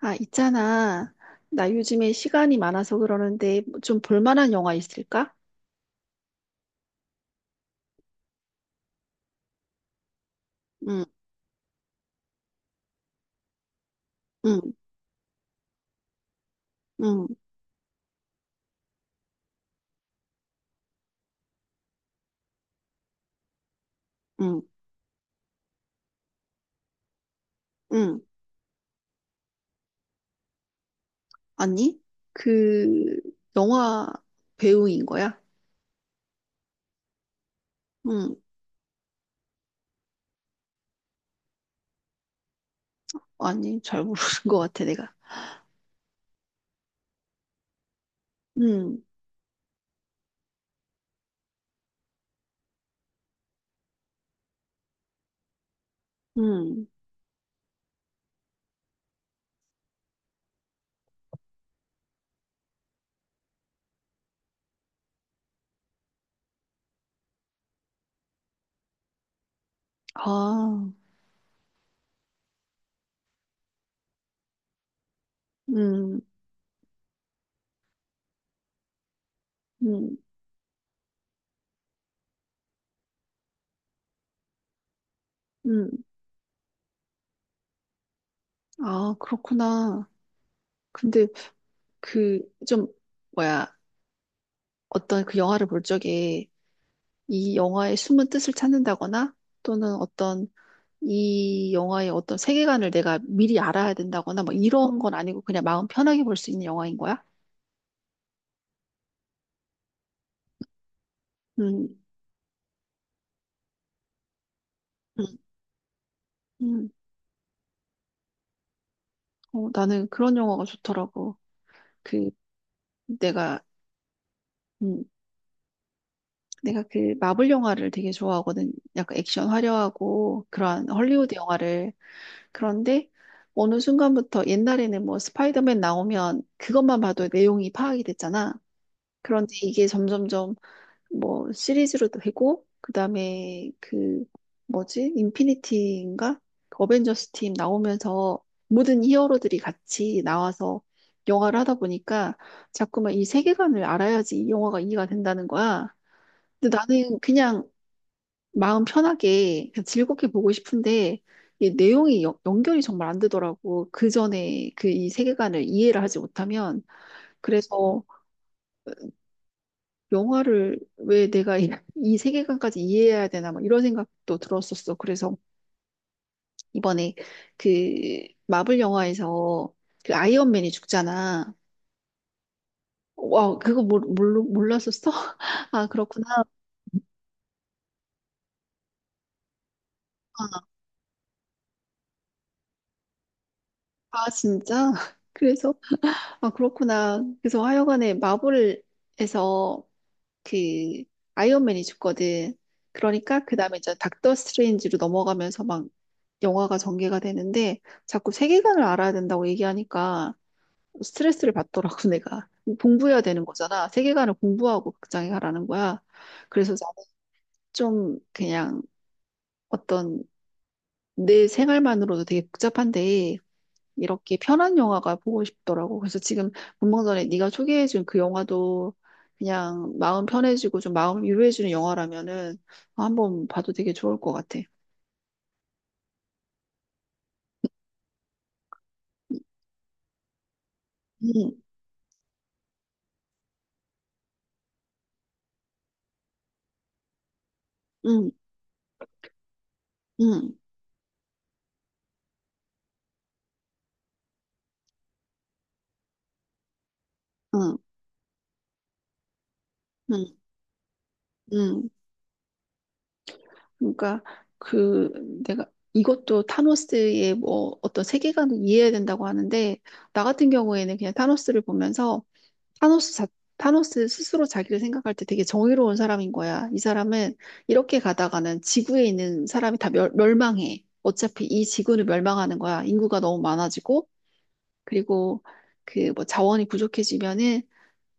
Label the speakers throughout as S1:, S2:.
S1: 아, 있잖아. 나 요즘에 시간이 많아서 그러는데 좀 볼만한 영화 있을까? 응, 응, 응, 응, 응. 아니, 그 영화 배우인 거야? 응, 아니, 잘 모르는 것 같아, 내가. 응, 응, 아, 응, 응, 응. 아, 그렇구나. 근데 그 좀, 뭐야, 어떤 그 영화를 볼 적에 이 영화의 숨은 뜻을 찾는다거나 또는 어떤 이 영화의 어떤 세계관을 내가 미리 알아야 된다거나 뭐 이런 건 아니고 그냥 마음 편하게 볼 수 있는 영화인 거야? 음, 음, 음. 어, 나는 그런 영화가 좋더라고. 그 내가 음, 내가 그 마블 영화를 되게 좋아하거든. 약간 액션 화려하고 그러한 헐리우드 영화를. 그런데 어느 순간부터 옛날에는 뭐 스파이더맨 나오면 그것만 봐도 내용이 파악이 됐잖아. 그런데 이게 점점점 뭐 시리즈로도 되고 그다음에 그 뭐지? 인피니티인가? 그 어벤져스 팀 나오면서 모든 히어로들이 같이 나와서 영화를 하다 보니까 자꾸만 이 세계관을 알아야지 이 영화가 이해가 된다는 거야. 근데 나는 그냥 마음 편하게 그냥 즐겁게 보고 싶은데 이 내용이 연결이 정말 안 되더라고. 그 전에 그 이 세계관을 이해를 하지 못하면 그래서 영화를 왜 내가 이 세계관까지 이해해야 되나 막 이런 생각도 들었었어. 그래서 이번에 그 마블 영화에서 그 아이언맨이 죽잖아. 와, 그거 몰랐었어? 아, 그렇구나. 아, 진짜? 그래서, 아, 그렇구나. 그래서 하여간에 마블에서 그 아이언맨이 죽거든. 그러니까 그 다음에 이제 닥터 스트레인지로 넘어가면서 막 영화가 전개가 되는데 자꾸 세계관을 알아야 된다고 얘기하니까 스트레스를 받더라고, 내가. 공부해야 되는 거잖아. 세계관을 공부하고 극장에 가라는 거야. 그래서 나는 좀 그냥 어떤 내 생활만으로도 되게 복잡한데 이렇게 편한 영화가 보고 싶더라고. 그래서 지금 분명 전에 네가 소개해준 그 영화도 그냥 마음 편해지고 좀 마음 유로해주는 영화라면은 한번 봐도 되게 좋을 것 같아. 응, 응, 응, 응, 응, 응. 그러니까 그 내가 이것도 타노스의 뭐 어떤 세계관을 이해해야 된다고 하는데 나 같은 경우에는 그냥 타노스를 보면서 타노스 자, 타노스 스스로 자기를 생각할 때 되게 정의로운 사람인 거야. 이 사람은 이렇게 가다가는 지구에 있는 사람이 다 멸망해. 어차피 이 지구는 멸망하는 거야. 인구가 너무 많아지고 그리고 그 뭐 자원이 부족해지면은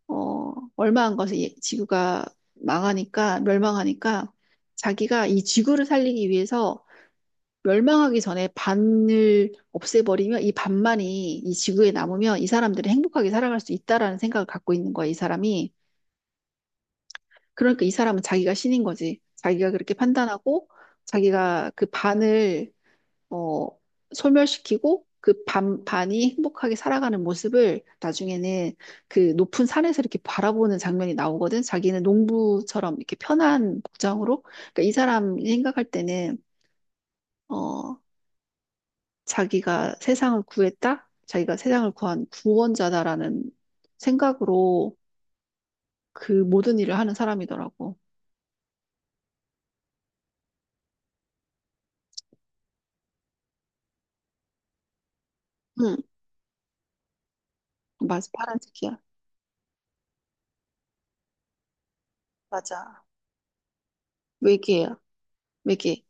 S1: 어, 얼마한 것을 예- 지구가 망하니까, 멸망하니까 자기가 이 지구를 살리기 위해서 멸망하기 전에 반을 없애버리면 이 반만이 이 지구에 남으면 이 사람들이 행복하게 살아갈 수 있다라는 생각을 갖고 있는 거야, 이 사람이. 그러니까 이 사람은 자기가 신인 거지. 자기가 그렇게 판단하고 자기가 그 반을 어, 소멸시키고 그 반이 행복하게 살아가는 모습을 나중에는 그 높은 산에서 이렇게 바라보는 장면이 나오거든. 자기는 농부처럼 이렇게 편한 복장으로. 그러니까 이 사람이 생각할 때는 어, 자기가 세상을 구했다. 자기가 세상을 구한 구원자다라는 생각으로 그 모든 일을 하는 사람이더라고. 응, 맞아. 파란색이야. 맞아. 외계야. 외계.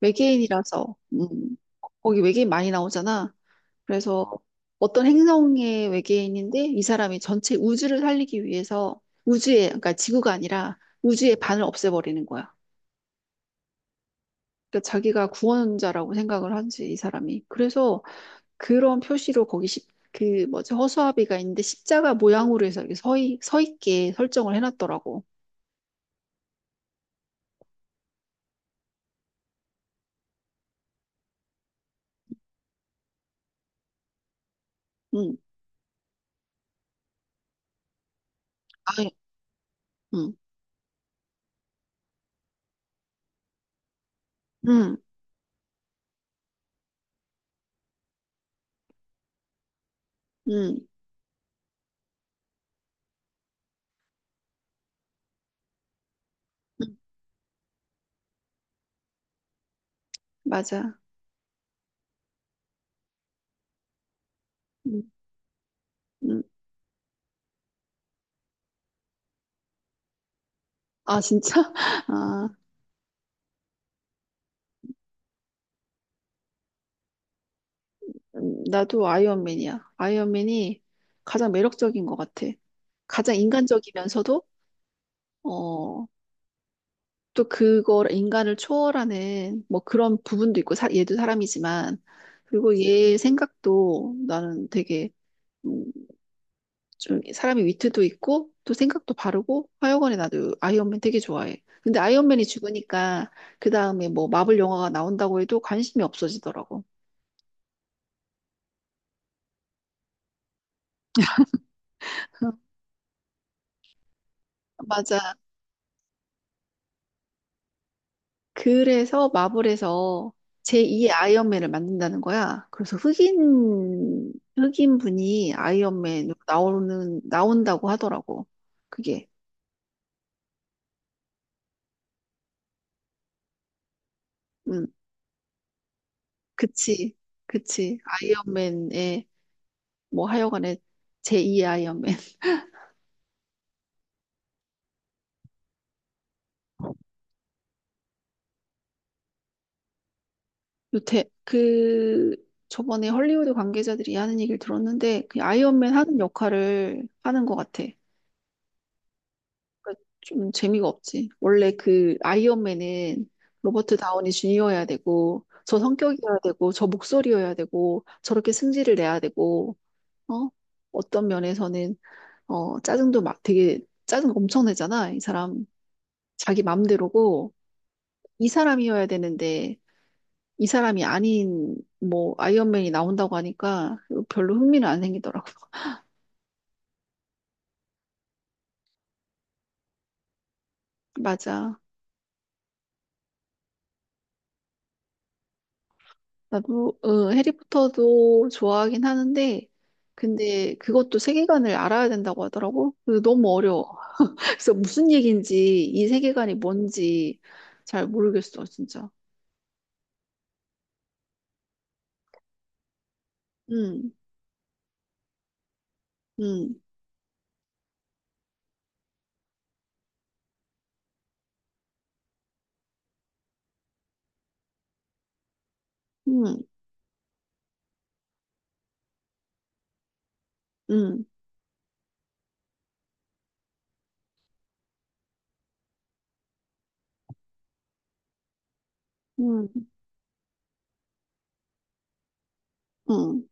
S1: 외계인이라서. 거기 외계인 많이 나오잖아. 그래서 어떤 행성의 외계인인데 이 사람이 전체 우주를 살리기 위해서 우주에, 그러니까 지구가 아니라 우주의 반을 없애버리는 거야. 그러니까 자기가 구원자라고 생각을 한지, 이 사람이. 그래서 그런 표시로 거기 십, 그 뭐지, 허수아비가 있는데 십자가 모양으로 해서 이렇게 서 있게 설정을 해놨더라고. 응, 아예, 응, 응, 응, 응, 맞아. 응, 응. 아, 진짜? 아. 나도 아이언맨이야. 아이언맨이 가장 매력적인 것 같아. 가장 인간적이면서도, 어, 또 그걸, 인간을 초월하는 뭐 그런 부분도 있고, 사, 얘도 사람이지만, 그리고 얘 생각도 나는 되게, 음, 좀 사람의 위트도 있고, 또 생각도 바르고, 하여간에 나도 아이언맨 되게 좋아해. 근데 아이언맨이 죽으니까, 그 다음에 뭐 마블 영화가 나온다고 해도 관심이 없어지더라고. 맞아. 그래서 마블에서 제2의 아이언맨을 만든다는 거야. 그래서 흑인 분이 나온다고 하더라고. 그게. 음, 그치. 그치. 아이언맨의, 뭐 하여간에 제2의 아이언맨. 요태, 그, 저번에 헐리우드 관계자들이 하는 얘기를 들었는데, 그 아이언맨 하는 역할을 하는 것 같아. 그좀 재미가 없지. 원래 그 아이언맨은 로버트 다우니 주니어여야 되고 저 성격이어야 되고 저 목소리여야 되고 저렇게 승질을 내야 되고 어 어떤 면에서는 어 짜증도 막 되게 짜증 엄청 내잖아. 이 사람 자기 맘대로고 이 사람이어야 되는데 이 사람이 아닌 뭐 아이언맨이 나온다고 하니까 별로 흥미는 안 생기더라고. 맞아. 나도 어, 해리포터도 좋아하긴 하는데 근데 그것도 세계관을 알아야 된다고 하더라고. 그래서 너무 어려워. 그래서 무슨 얘기인지 이 세계관이 뭔지 잘 모르겠어, 진짜. 음, 음, 음, 음, 음, 음,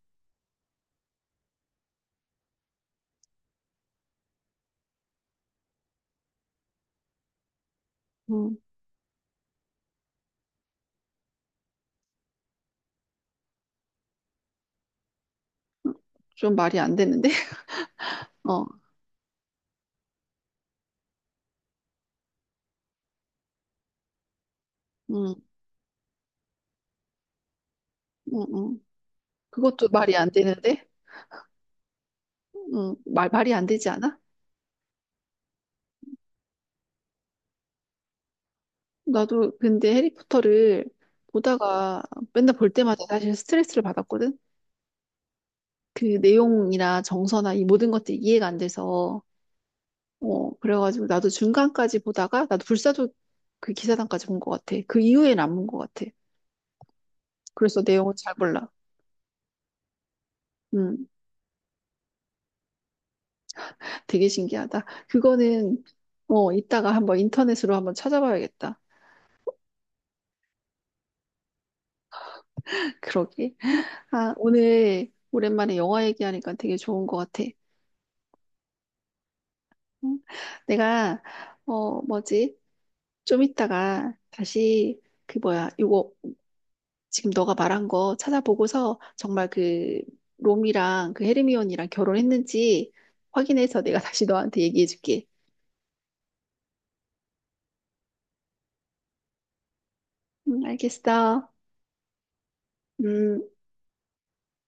S1: 음. 좀 말이 안 되는데? 어, 음, 음, 음. 그것도 말이 안 되는데? 말이 안 되지 않아? 나도 근데 해리포터를 보다가 맨날 볼 때마다 사실 스트레스를 받았거든? 그 내용이나 정서나 이 모든 것들이 이해가 안 돼서 어 그래가지고 나도 중간까지 보다가 나도 불사조 그 기사단까지 본 것 같아. 그 이후엔 안본 것 같아. 그래서 내용을 잘 몰라. 음, 되게 신기하다. 그거는 어 이따가 한번 인터넷으로 한번 찾아봐야겠다. 그러게. 아 오늘 오랜만에 영화 얘기하니까 되게 좋은 것 같아. 응? 내가 어 뭐지? 좀 이따가 다시 그 뭐야 이거 지금 너가 말한 거 찾아보고서 정말 그 롬이랑 그 헤르미온이랑 결혼했는지 확인해서 내가 다시 너한테 얘기해줄게. 응, 알겠어. 음.